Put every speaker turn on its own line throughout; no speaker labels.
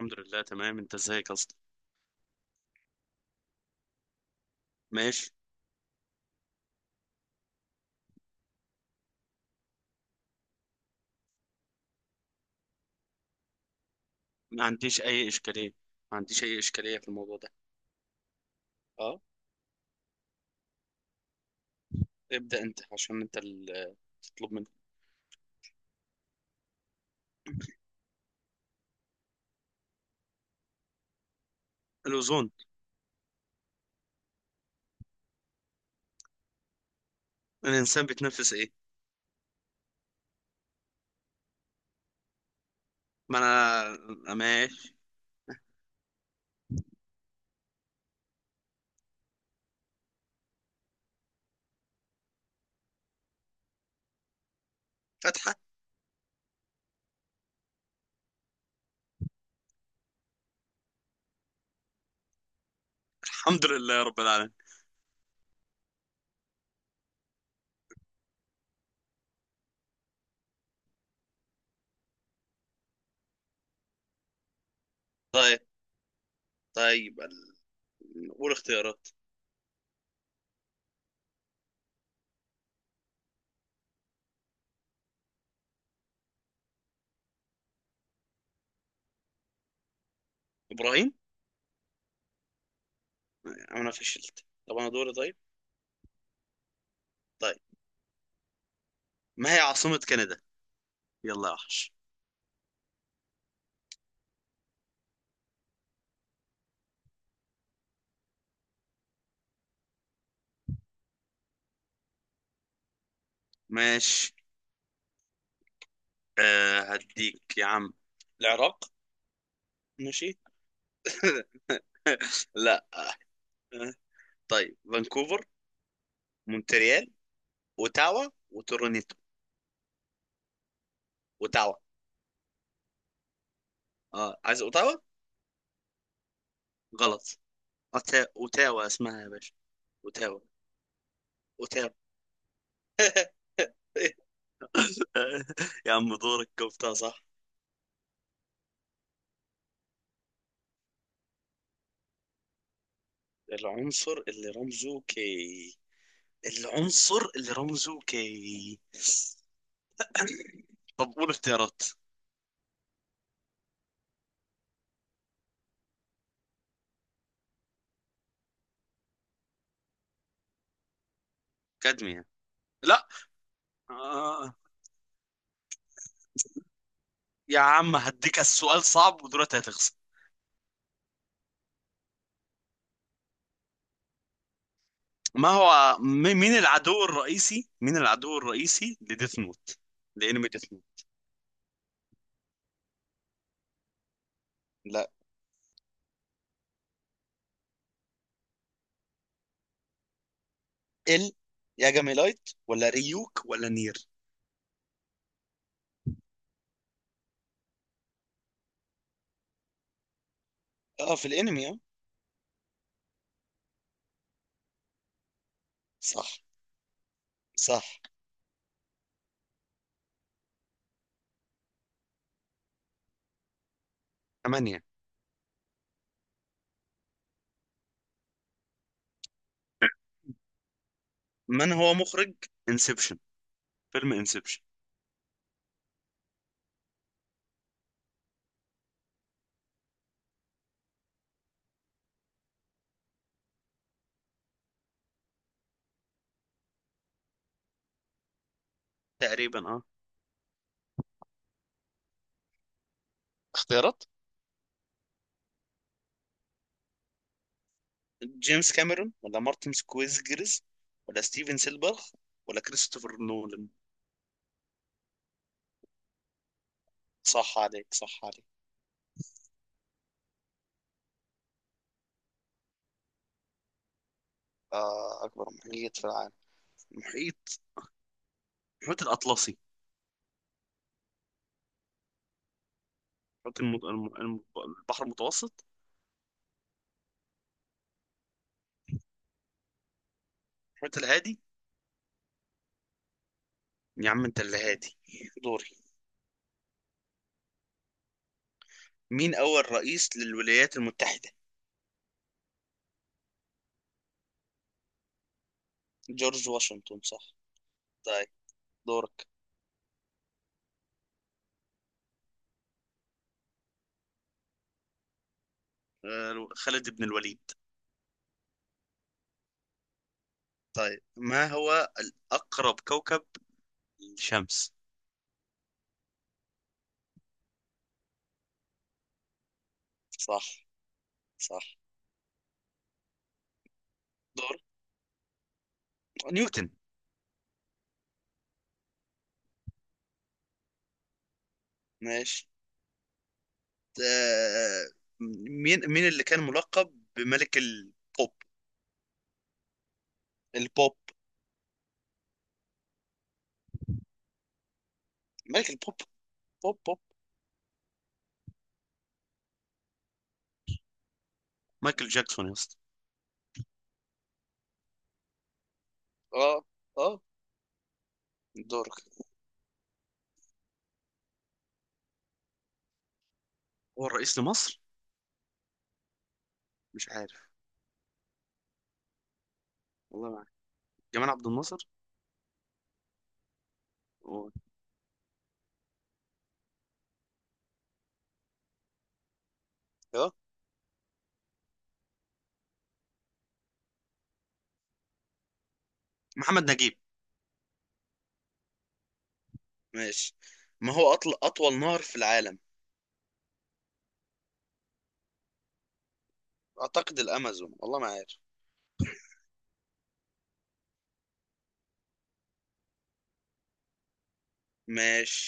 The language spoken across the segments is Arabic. الحمد لله تمام. انت ازيك اصلا؟ ماشي. ما عنديش اي اشكاليه، ما عنديش اي اشكاليه في الموضوع ده. اه. ابدا انت، عشان انت اللي تطلب مني. الاوزون. الانسان بيتنفس ايه؟ ما انا ماشي. فتحه. الحمد لله رب العالمين. طيب، طيب قول اختيارات. ابراهيم. انا فشلت. طب انا دوري. طيب، طيب، ما هي عاصمه كندا؟ يلا يا وحش. ماشي. أه هديك يا عم. العراق. ماشي. لا. آه، طيب، فانكوفر، مونتريال، اوتاوا، وتورونيتو. اوتاوا. اه، عايز اوتاوا. غلط. اوتاوا اسمها يا باشا. اوتاوا. اوتاوا. يا عم، دورك. جبتها صح. العنصر اللي رمزه كي؟ العنصر اللي رمزه كي. طب قول اختيارات. كادميا. لا. آه. يا عم هديك السؤال صعب ودلوقتي هتخسر. ما هو م- مين العدو الرئيسي، مين العدو الرئيسي لديث نوت؟ لانمي ديث نوت. لا. ال لايت، ولا ريوك، ولا نير. اه، في الانمي اه. صح. صح. ثمانية. من هو مخرج انسبشن؟ فيلم انسبشن. تقريبا اه. اختيارات. جيمس كاميرون، ولا مارتن سكويزجرز، ولا ستيفن سيلبرغ، ولا كريستوفر نولان. صح عليك، صح عليك. آه، أكبر محيط في العالم. المحيط، المحيط الأطلسي. المحيط الم... الم... الم- البحر المتوسط. المحيط الهادي. يا عم أنت اللي هادي. دوري. مين أول رئيس للولايات المتحدة؟ جورج واشنطن. صح. طيب دورك. خالد بن الوليد. طيب، ما هو الأقرب كوكب للشمس؟ صح. صح. دور. نيوتن. ماشي. آه، مين اللي كان ملقب بملك البوب؟ البوب. ملك البوب. بوب بوب. مايكل جاكسون يا اسطى. اه. اه. دورك. هو الرئيس لمصر؟ مش عارف. والله ما عارف. جمال عبد الناصر. و- اه، محمد نجيب. ماشي. ما هو أطل... أطول نهر في العالم؟ اعتقد الامازون، والله ما عارف. ماشي،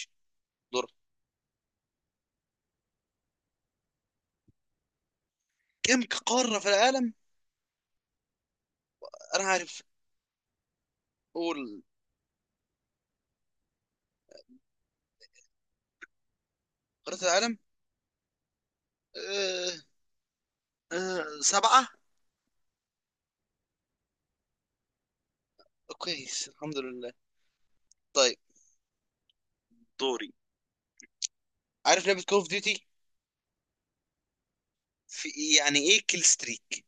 دور. كم قارة في العالم؟ انا عارف. قول. قارة العالم. أه. أه سبعة. كويس الحمد لله. طيب، دوري. عارف لعبة كول اوف ديوتي؟ في، يعني ايه كيل ستريك؟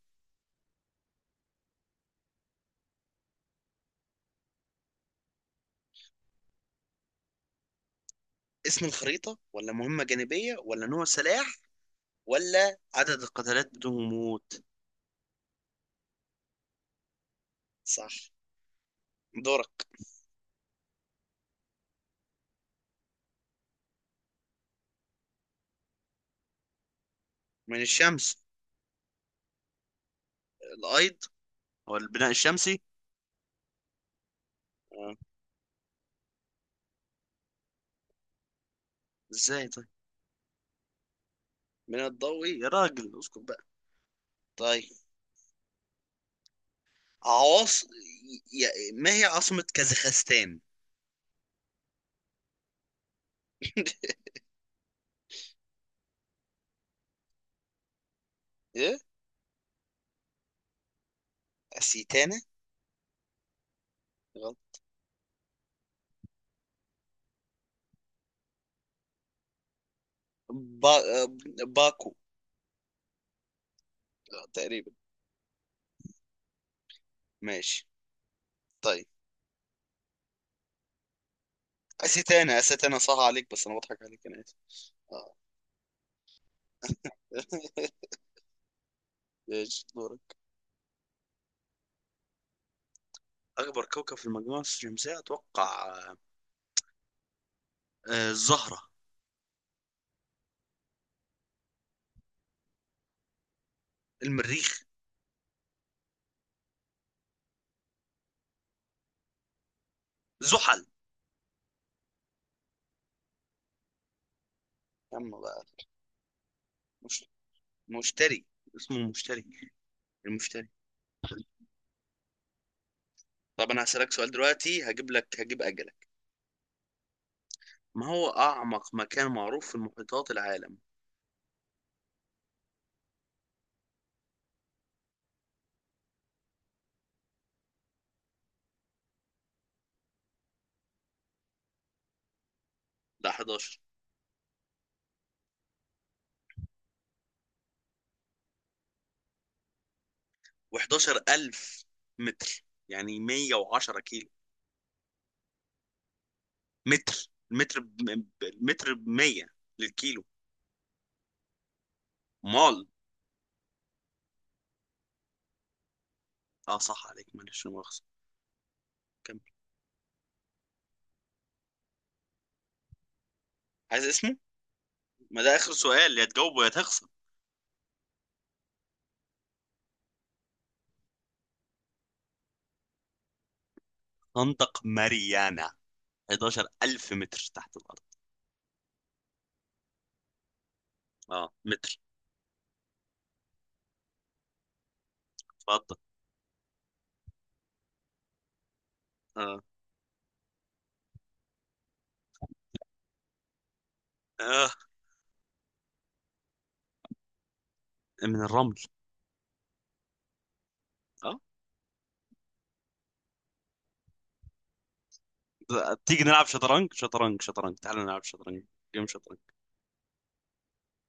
اسم الخريطة، ولا مهمة جانبية، ولا نوع سلاح، ولا عدد القتالات بدون موت؟ صح. دورك. من الشمس. الايض، او البناء الشمسي. آه. ازاي طيب. من الضوئي يا راجل اسكت بقى. طيب، عواص ما هي عاصمة كازاخستان؟ ايه؟ أسيتانا؟ غلط. با... باكو. تقريبا. ماشي. طيب. أسيتانا، أسيتانا، صح عليك، بس أنا بضحك عليك، أنا آسف. آه. ماشي، دورك. أكبر كوكب في المجموعة الشمسية أتوقع الزهرة. المريخ. زحل. يا عم بقى. مش... مشتري. اسمه مشتري. المشتري. طب أنا هسألك سؤال دلوقتي، هجيب لك، هجيب أجلك. ما هو أعمق مكان معروف في المحيطات العالم؟ ده 11. و11000 متر، يعني 110 كيلو متر. المتر ب 100 للكيلو. مال. اه صح عليك، معلش لا مؤاخذة. كمل. عايز اسمه؟ ما ده آخر سؤال، يا تجاوبه يا تخسر. خندق ماريانا، 11000 متر تحت الأرض. اه متر. اتفضل. اه. اه، من الرمل. اه. تيجي نلعب شطرنج، شطرنج شطرنج، تعالوا نلعب شطرنج. جيم شطرنج.